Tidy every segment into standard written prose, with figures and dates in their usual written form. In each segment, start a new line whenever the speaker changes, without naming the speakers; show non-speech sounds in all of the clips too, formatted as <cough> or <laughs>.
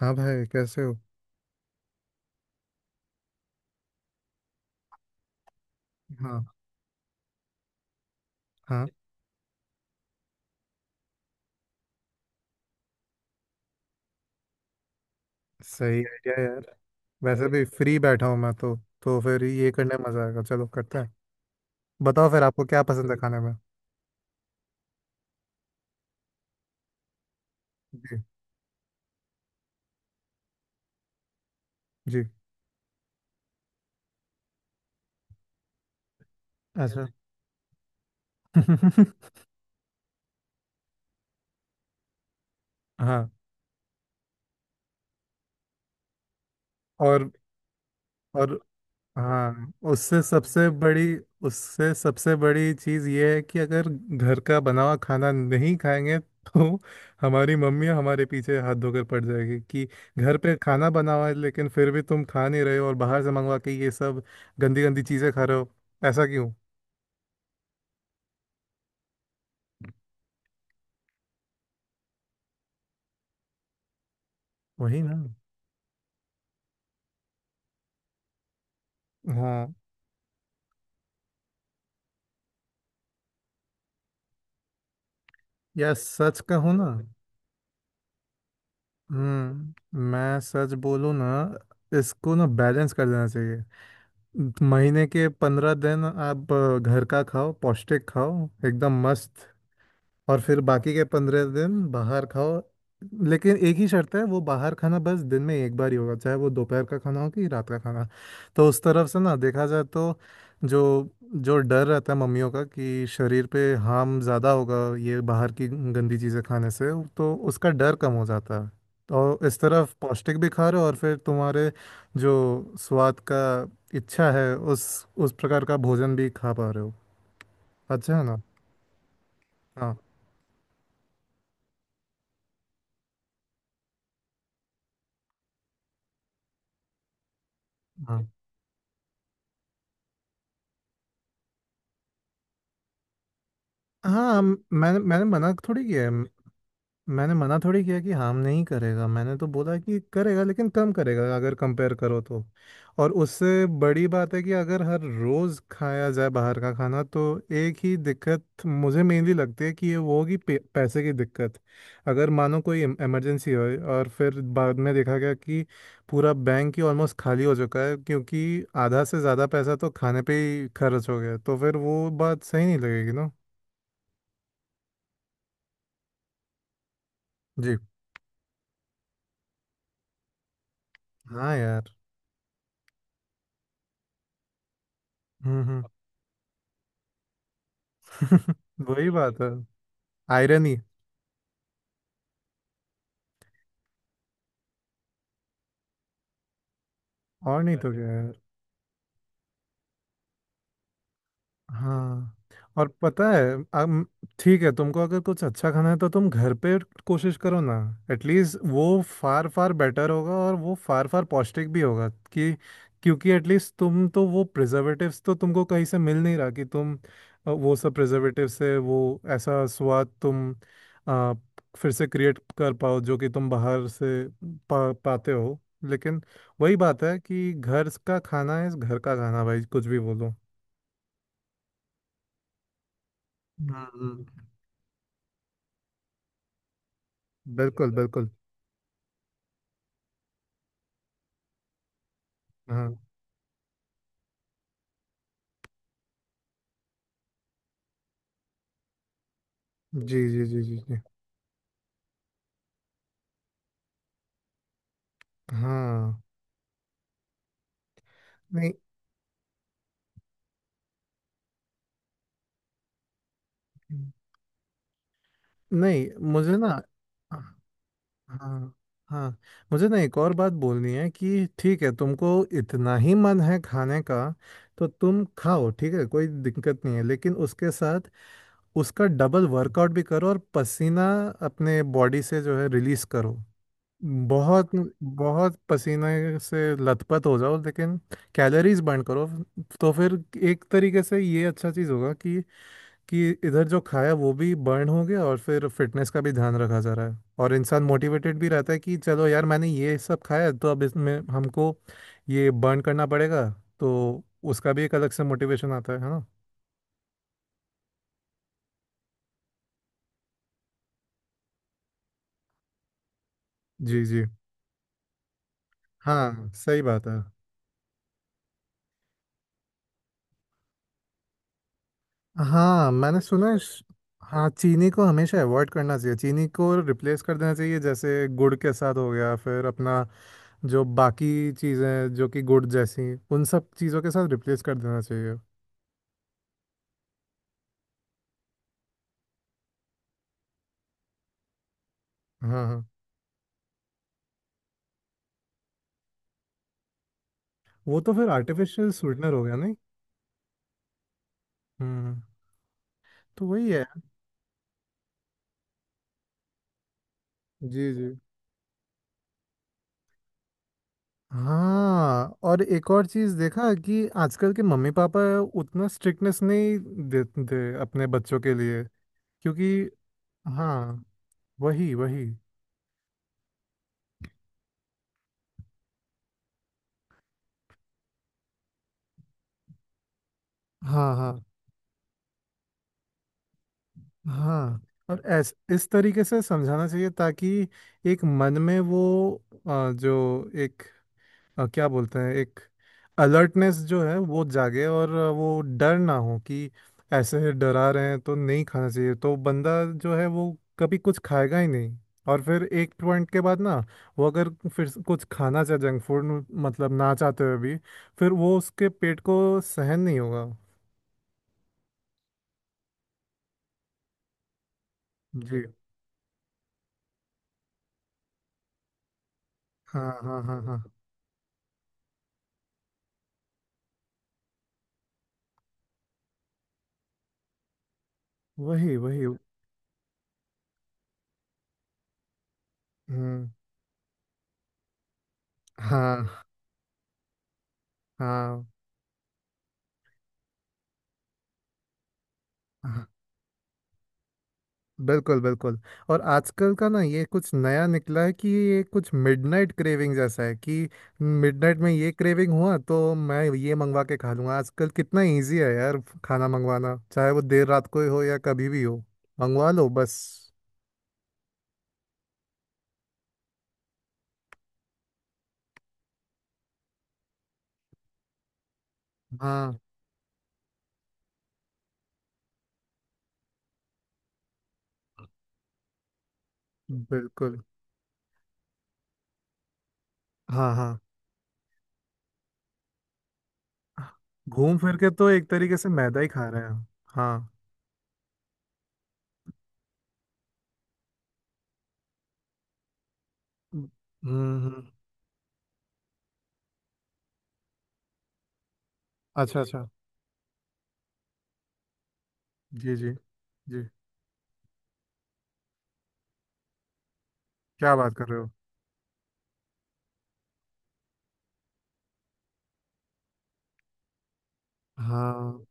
हाँ भाई, कैसे हो? हाँ। हाँ। सही आइडिया यार। वैसे भी <laughs> फ्री बैठा हूँ मैं तो फिर ये करने में मजा आएगा। चलो करते हैं। बताओ फिर, आपको क्या पसंद है खाने में? जी। जी। अच्छा। <laughs> हाँ। और और हाँ, उससे सबसे बड़ी चीज़ ये है कि अगर घर का बना हुआ खाना नहीं खाएंगे तो हमारी मम्मी हमारे पीछे हाथ धोकर पड़ जाएगी कि घर पे खाना बना हुआ है, लेकिन फिर भी तुम खा नहीं रहे हो और बाहर से मंगवा के ये सब गंदी गंदी चीज़ें खा रहे हो। ऐसा क्यों? वही ना। हाँ यार, सच कहूँ ना। मैं सच बोलूँ ना। इसको ना बैलेंस कर देना चाहिए। महीने के 15 दिन आप घर का खाओ, पौष्टिक खाओ एकदम मस्त। और फिर बाकी के 15 दिन बाहर खाओ। लेकिन एक ही शर्त है, वो बाहर खाना बस दिन में एक बार ही होगा, चाहे वो दोपहर का खाना हो कि रात का खाना। तो उस तरफ से ना देखा जाए तो जो जो डर रहता है मम्मियों का कि शरीर पे हार्म ज़्यादा होगा ये बाहर की गंदी चीज़ें खाने से, तो उसका डर कम हो जाता है। तो इस तरफ पौष्टिक भी खा रहे हो, और फिर तुम्हारे जो स्वाद का इच्छा है उस प्रकार का भोजन भी खा पा रहे हो। अच्छा है ना। हाँ। हाँ। हाँ हम, मैंने मैंने मना थोड़ी किया है। मैंने मना थोड़ी किया कि हम नहीं करेगा, मैंने तो बोला कि करेगा लेकिन कम करेगा अगर कंपेयर करो तो। और उससे बड़ी बात है कि अगर हर रोज़ खाया जाए बाहर का खाना तो एक ही दिक्कत मुझे मेनली लगती है कि ये वो होगी पैसे की दिक्कत। अगर मानो कोई इमरजेंसी हो और फिर बाद में देखा गया कि पूरा बैंक ही ऑलमोस्ट खाली हो चुका है क्योंकि आधा से ज़्यादा पैसा तो खाने पे ही खर्च हो गया, तो फिर वो बात सही नहीं लगेगी ना। जी। हाँ यार। हम्म। हम्म। <laughs> वही बात है। आयरनी। और नहीं तो क्या है। हाँ। और पता है, अब ठीक है, तुमको अगर कुछ अच्छा खाना है तो तुम घर पे कोशिश करो ना। एटलीस्ट वो फार फार बेटर होगा और वो फार फार पौष्टिक भी होगा। कि क्योंकि एटलीस्ट तुम तो वो प्रिजर्वेटिव्स तो तुमको कहीं से मिल नहीं रहा कि तुम वो सब प्रिजर्वेटिव से वो ऐसा स्वाद तुम अ, फिर से क्रिएट कर पाओ जो कि तुम बाहर से पाते हो। लेकिन वही बात है कि घर का खाना है घर का खाना भाई, कुछ भी बोलो। हम्म। बिल्कुल बिल्कुल। हाँ। जी जी जी जी जी। हाँ। नहीं। नहीं मुझे ना। हाँ। हाँ, मुझे ना एक और बात बोलनी है कि ठीक है, तुमको इतना ही मन है खाने का तो तुम खाओ, ठीक है कोई दिक्कत नहीं है। लेकिन उसके साथ उसका डबल वर्कआउट भी करो और पसीना अपने बॉडी से जो है रिलीज करो। बहुत बहुत पसीने से लथपथ हो जाओ, लेकिन कैलोरीज बर्न करो। तो फिर एक तरीके से ये अच्छा चीज़ होगा कि इधर जो खाया वो भी बर्न हो गया और फिर फिटनेस का भी ध्यान रखा जा रहा है और इंसान मोटिवेटेड भी रहता है कि चलो यार, मैंने ये सब खाया तो अब इसमें हमको ये बर्न करना पड़ेगा। तो उसका भी एक अलग से मोटिवेशन आता है ना। जी। जी। हाँ सही बात है। हाँ, मैंने सुना है हाँ, चीनी को हमेशा अवॉइड करना चाहिए, चीनी को रिप्लेस कर देना चाहिए जैसे गुड़ के साथ हो गया, फिर अपना जो बाकी चीज़ें जो कि गुड़ जैसी उन सब चीज़ों के साथ रिप्लेस कर देना चाहिए। हाँ हाँ। वो तो फिर आर्टिफिशियल स्वीटनर हो गया नहीं। हम्म। तो वही है। जी। जी। हाँ, और एक और चीज़ देखा कि आजकल के मम्मी पापा उतना स्ट्रिक्टनेस नहीं देते अपने बच्चों के लिए क्योंकि। हाँ, वही वही। हाँ हाँ हाँ। और ऐस इस तरीके से समझाना चाहिए ताकि एक मन में वो जो एक क्या बोलते हैं, एक अलर्टनेस जो है वो जागे, और वो डर ना हो कि ऐसे डरा रहे हैं तो नहीं खाना चाहिए, तो बंदा जो है वो कभी कुछ खाएगा ही नहीं। और फिर एक पॉइंट के बाद ना वो अगर फिर से कुछ खाना चाहे जंक फूड, मतलब ना चाहते हुए भी, फिर वो उसके पेट को सहन नहीं होगा। जी। हाँ हाँ हाँ हाँ। वही वही। हम्म। हाँ हाँ हाँ, बिल्कुल बिल्कुल। और आजकल का ना, ये कुछ नया निकला है कि ये कुछ मिडनाइट क्रेविंग जैसा है कि मिडनाइट में ये क्रेविंग हुआ तो मैं ये मंगवा के खा लूंगा। आजकल कितना इजी है यार, खाना मंगवाना, चाहे वो देर रात को ही हो या कभी भी हो, मंगवा लो बस। हाँ। बिल्कुल। हाँ। हाँ। घूम फिर के तो एक तरीके से मैदा ही खा रहे हैं। हाँ। हम्म हम्म, अच्छा अच्छा। जी जी जी। क्या बात कर रहे हो? हाँ।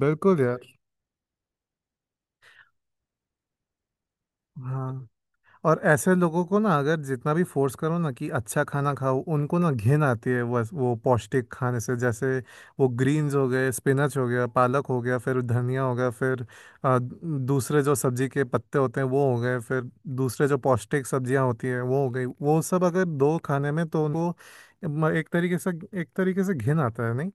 बिल्कुल यार। हाँ, और ऐसे लोगों को ना अगर जितना भी फोर्स करो ना कि अच्छा खाना खाओ, उनको ना घिन आती है वो पौष्टिक खाने से, जैसे वो ग्रीन्स हो गए, स्पिनच हो गया, पालक हो गया, फिर धनिया हो गया, फिर दूसरे जो सब्जी के पत्ते होते हैं वो हो गए, फिर दूसरे जो पौष्टिक सब्जियां होती हैं वो हो गई, वो सब अगर दो खाने में तो उनको म- एक तरीके से एक तरीके से घिन आता है नहीं।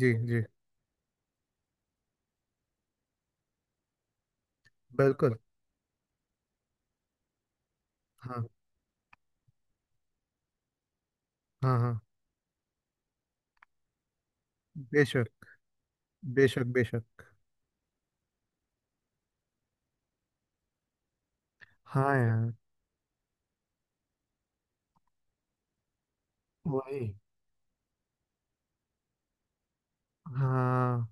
जी। जी। बिल्कुल। हाँ हाँ हाँ। बेशक बेशक बेशक। हाँ यार। वही। हाँ।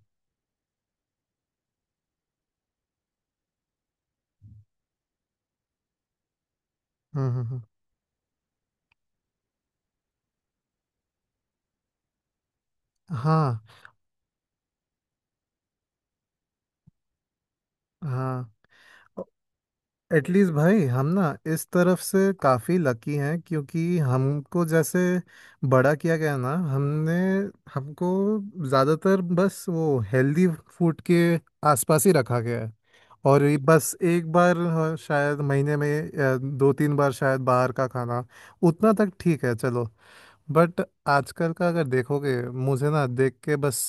हम्म हम्म, हम्म, हाँ हाँ। एटलीस्ट भाई हम ना इस तरफ से काफ़ी लकी हैं, क्योंकि हमको जैसे बड़ा किया गया ना, हमने हमको ज़्यादातर बस वो हेल्दी फूड के आसपास ही रखा गया है। और ये बस एक बार, हाँ, शायद महीने में या दो तीन बार शायद बाहर का खाना, उतना तक ठीक है चलो। बट आजकल का अगर देखोगे, मुझे ना देख के बस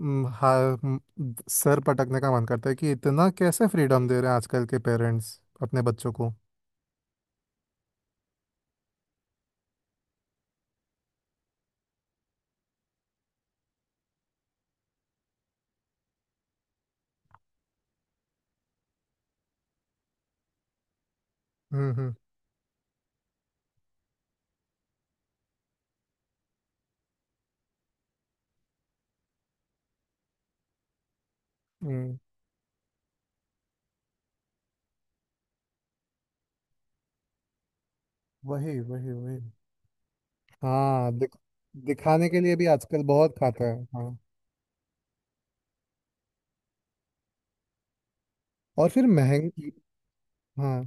म, हा, म, सर पटकने का मन करता है कि इतना कैसे फ्रीडम दे रहे हैं आजकल के पेरेंट्स अपने बच्चों को। हम्म हम्म हम्म, वही वही वही। हाँ दिख, दिखाने के लिए भी आजकल बहुत खाता है हाँ। और फिर महंगी। हाँ।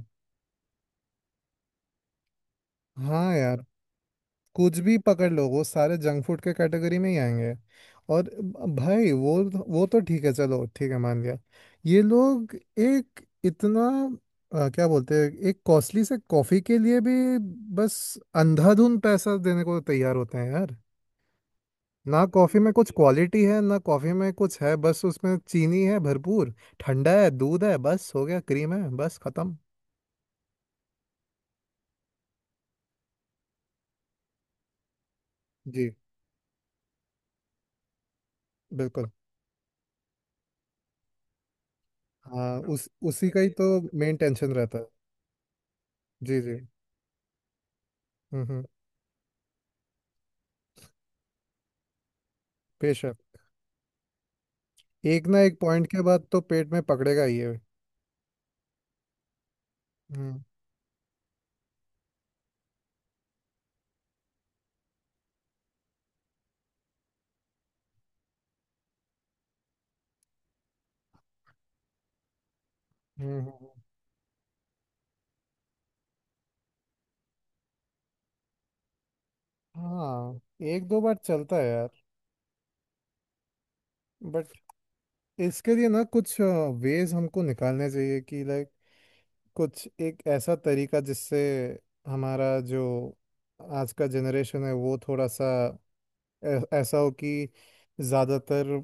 हाँ यार, कुछ भी पकड़ लो वो सारे जंक फूड के कैटेगरी में ही आएंगे। और भाई वो तो ठीक है, चलो ठीक है मान लिया। ये लोग एक इतना क्या बोलते हैं, एक कॉस्टली से कॉफी के लिए भी बस अंधाधुंध पैसा देने को तैयार होते हैं यार। ना कॉफी में कुछ क्वालिटी है, ना कॉफी में कुछ है, बस उसमें चीनी है भरपूर, ठंडा है, दूध है, बस हो गया, क्रीम है, बस खत्म। जी। बिल्कुल। हाँ, उस उसी का ही तो मेन टेंशन रहता है। जी जी। हम्म। बेशक। एक ना एक पॉइंट के बाद तो पेट में पकड़ेगा ही है। हम्म हम्म हम्म, हम्म। हाँ। एक दो बार चलता है यार। बट इसके लिए ना कुछ वेज हमको निकालने चाहिए कि लाइक कुछ एक ऐसा तरीका जिससे हमारा जो आज का जनरेशन है वो थोड़ा सा ऐसा हो कि ज़्यादातर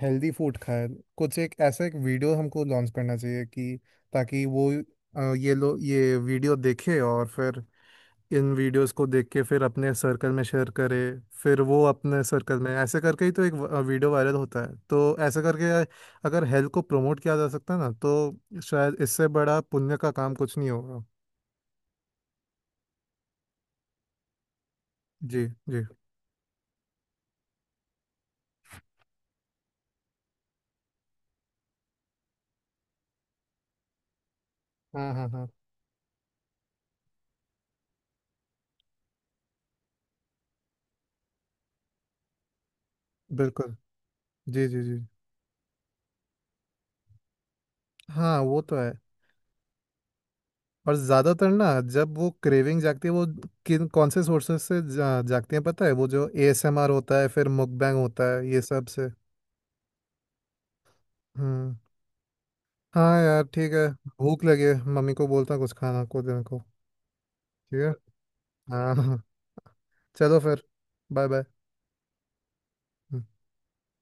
हेल्दी फूड खाए। कुछ एक ऐसा एक वीडियो हमको लॉन्च करना चाहिए कि ताकि वो ये लो ये वीडियो देखे और फिर इन वीडियोस को देख के फिर अपने सर्कल में शेयर करे, फिर वो अपने सर्कल में ऐसे करके ही तो एक वीडियो वायरल होता है। तो ऐसे करके अगर हेल्थ को प्रमोट किया जा सकता है ना, तो शायद इससे बड़ा पुण्य का काम कुछ नहीं होगा। जी जी। हाँ हाँ हाँ। बिल्कुल। जी जी जी। हाँ वो तो है। और ज़्यादातर ना जब वो क्रेविंग जागती है, वो किन कौन से सोर्सेस से जागती है पता है, वो जो एएसएमआर होता है, फिर मुकबैंग होता है, ये सब से। हम्म। हाँ यार ठीक है, भूख लगी है, मम्मी को बोलता हूँ कुछ खाना को देने को। ठीक है। हाँ हाँ, हाँ। चलो फिर। Bye bye.